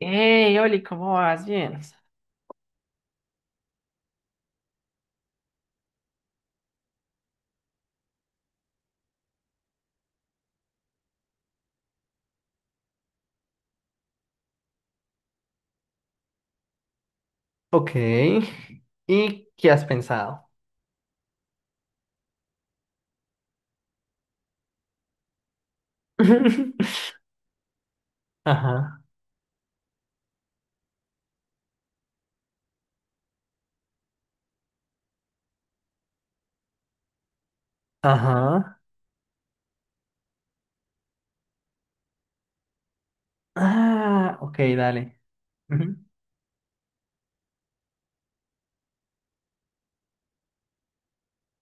Hey, Oli, ¿cómo vas? Bien. Ok. ¿Y qué has pensado? Ajá. Ajá. Ah, ok, dale. Ujú,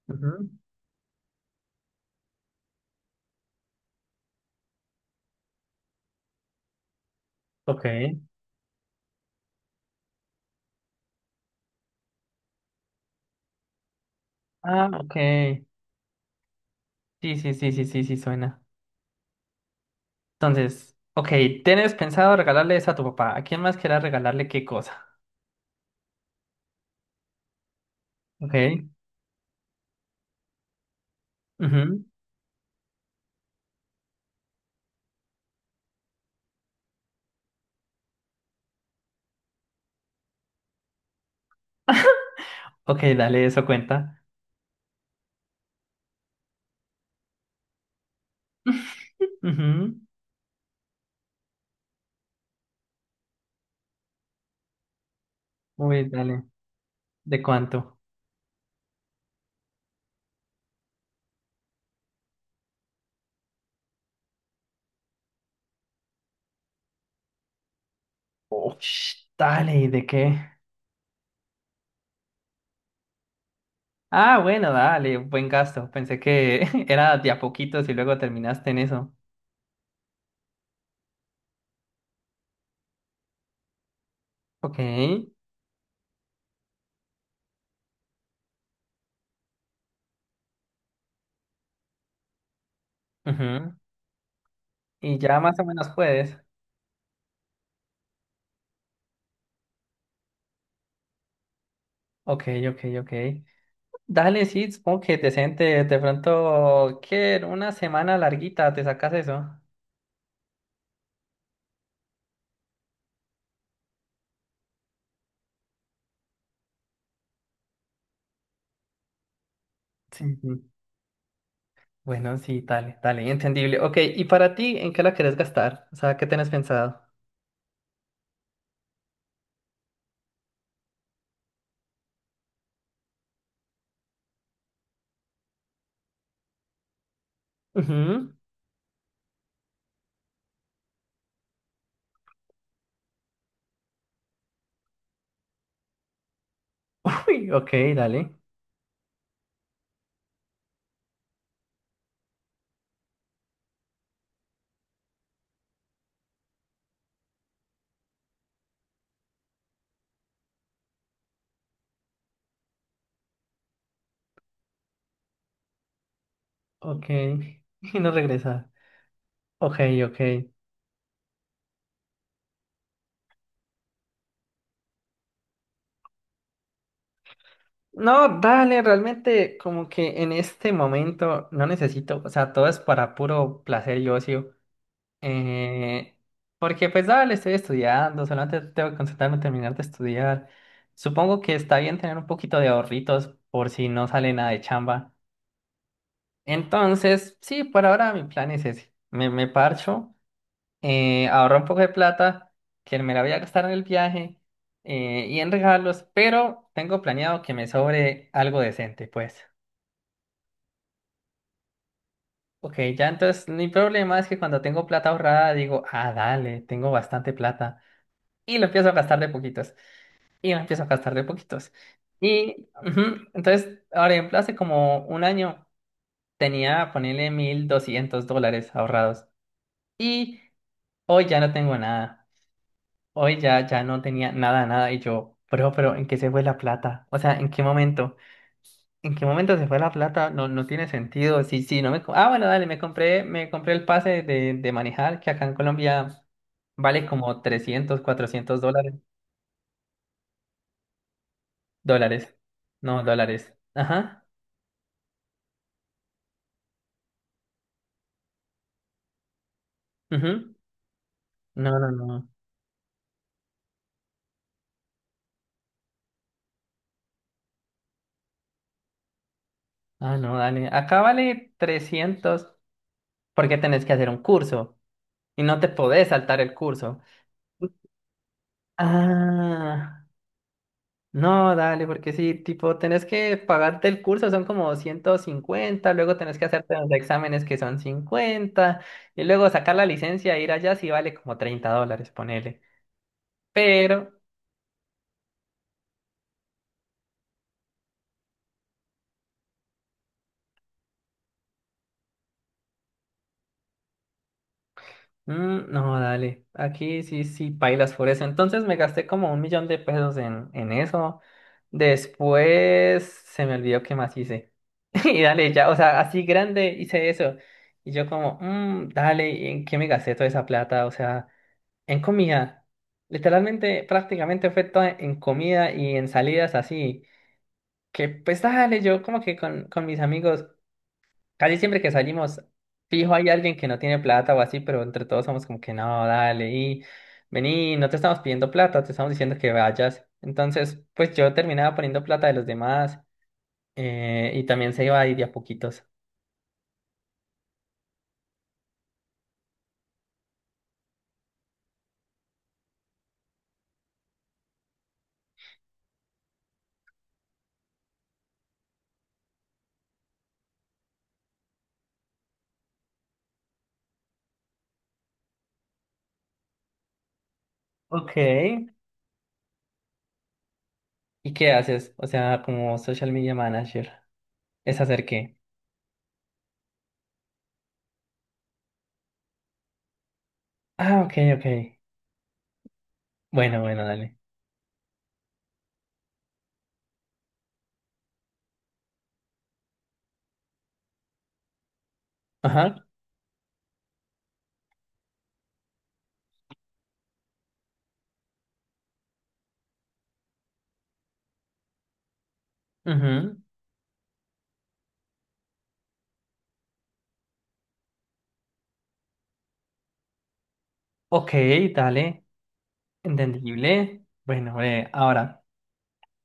ujú. Ok. Ah, ok. Sí, sí, sí, sí, sí, sí, suena. Entonces, ok, ¿tienes pensado regalarle eso a tu papá? ¿A quién más quieras regalarle qué cosa? Ok. Ujú. Ok, dale, eso cuenta. Ujú. Uy, dale. ¿De cuánto? Ush, dale, ¿y de qué? Ah, bueno, dale, buen gasto. Pensé que era de a poquitos y luego terminaste en eso. Ok. Ujú. Y ya más o menos puedes. Ok, ok, ok. Dale, sí, supongo que decente. De pronto, ¿qué? En una semana larguita, ¿te sacas eso? Sí, sí. Bueno, sí, dale, dale, entendible. Ok, ¿y para ti en qué la querés gastar? O sea, ¿qué tenés pensado? Ujú. Uy, ok, dale. Ok. Y no regresar. Ok, ok. No, dale, realmente como que en este momento no necesito, o sea, todo es para puro placer y ocio. Eh, porque pues dale, estoy estudiando, solamente tengo que concentrarme en terminar de estudiar. Supongo que está bien tener un poquito de ahorritos por si no sale nada de chamba. Entonces, sí, por ahora mi plan es ese. Me parcho, ahorro un poco de plata que me la voy a gastar en el viaje y en regalos, pero tengo planeado que me sobre algo decente, pues. Ok, ya entonces mi problema es que cuando tengo plata ahorrada digo, ah, dale, tengo bastante plata. Y lo empiezo a gastar de poquitos. Y lo empiezo a gastar de poquitos. Y ujú, entonces, ahora ejemplo, hace como un año tenía, ponerle $1200 ahorrados. Y hoy ya no tengo nada. Hoy ya, ya no tenía nada, nada. Y yo, bro, pero ¿en qué se fue la plata? O sea, ¿en qué momento? ¿En qué momento se fue la plata? No, no tiene sentido. Sí, sí, no me... co- Ah, bueno, dale, me compré el pase de manejar, que acá en Colombia vale como trescientos, cuatrocientos dólares. Dólares. No, dólares. Ajá. Ujú. No, no, no. Ah, no, dale. Acá vale 300 porque tenés que hacer un curso y no te podés saltar el curso. Ah. No, dale, porque sí, tipo, tenés que pagarte el curso, son como 150, luego tenés que hacerte los exámenes que son 50 y luego sacar la licencia e ir allá sí vale como $30, ponele. Pero, mm, no, dale, aquí sí, sí, pailas por eso. Entonces me gasté como 1.000.000 de pesos en eso. Después se me olvidó qué más hice. Y dale, ya, o sea, así grande hice eso. Y yo como, mm, dale, ¿en qué me gasté toda esa plata? O sea... En comida, literalmente, prácticamente fue todo en comida y en salidas así. Que pues dale, yo como que con mis amigos, casi siempre que salimos, fijo hay alguien que no tiene plata o así, pero entre todos somos como que no, dale, y vení, no te estamos pidiendo plata, te estamos diciendo que vayas. Entonces, pues yo terminaba poniendo plata de los demás y también se iba ahí de a poquitos. Ok. ¿Y qué haces? O sea, como social media manager, ¿es hacer qué? Ah, ok, ok. Bueno, bueno, dale. Ajá. Ujú. Ok, dale. Entendible. Bueno, breve, ahora.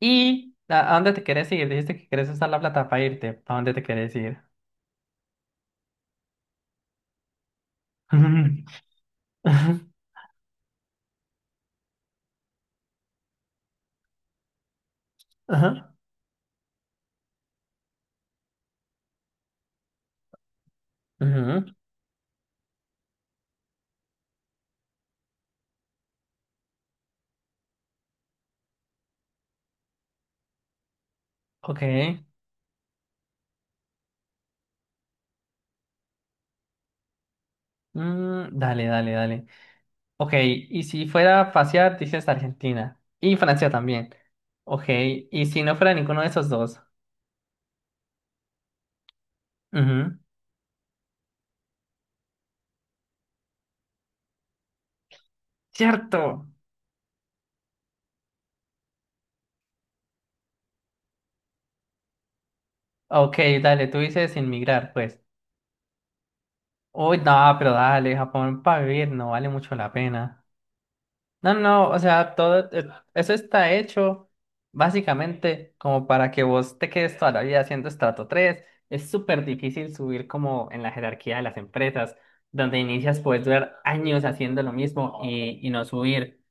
¿Y a dónde te quieres ir? Dijiste que quieres usar la plata para irte. ¿A dónde te quieres ir? Ujú. Ajá. Ajá. Ujú. Ok. Mm, dale, dale, dale. Ok, y si fuera a pasear, dices Argentina. Y Francia también. Ok, y si no fuera ninguno de esos dos. Ujú. Cierto. Ok, dale, tú dices inmigrar, pues. Uy, no, pero dale, Japón para vivir no vale mucho la pena. No, no, o sea, todo eso está hecho básicamente como para que vos te quedes toda la vida haciendo estrato 3. Es súper difícil subir como en la jerarquía de las empresas, donde inicias puedes durar años haciendo lo mismo y no subir.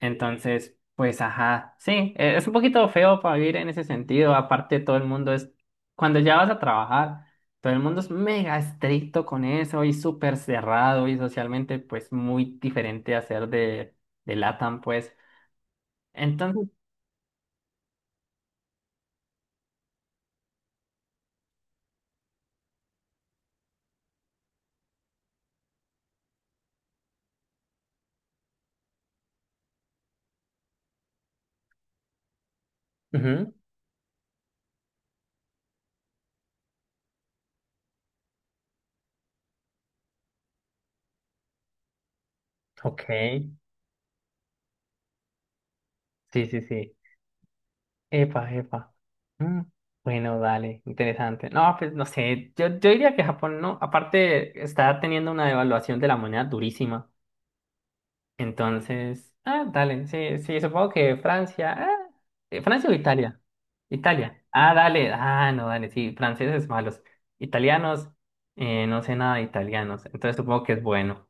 Entonces, pues ajá, sí, es un poquito feo para vivir en ese sentido. Aparte, todo el mundo es, cuando ya vas a trabajar, todo el mundo es mega estricto con eso y súper cerrado y socialmente, pues muy diferente a ser de LATAM, pues. Entonces, ujú, ok, sí, sí, sí. Epa, epa. Mm, bueno, dale, interesante. No, pues no sé, yo diría que Japón no, aparte está teniendo una devaluación de la moneda durísima. Entonces, ah, dale, sí, sí, supongo que Francia, ah, Francia o Italia, Italia, ah, dale, ah, no, dale, sí, franceses malos, italianos, no sé nada de italianos, entonces supongo que es bueno.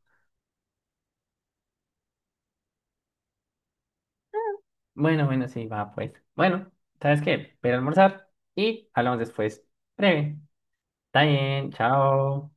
Bueno, bueno, sí, va, pues. Bueno, ¿sabes qué? Voy a almorzar y hablamos después. Breve. Está bien, chao.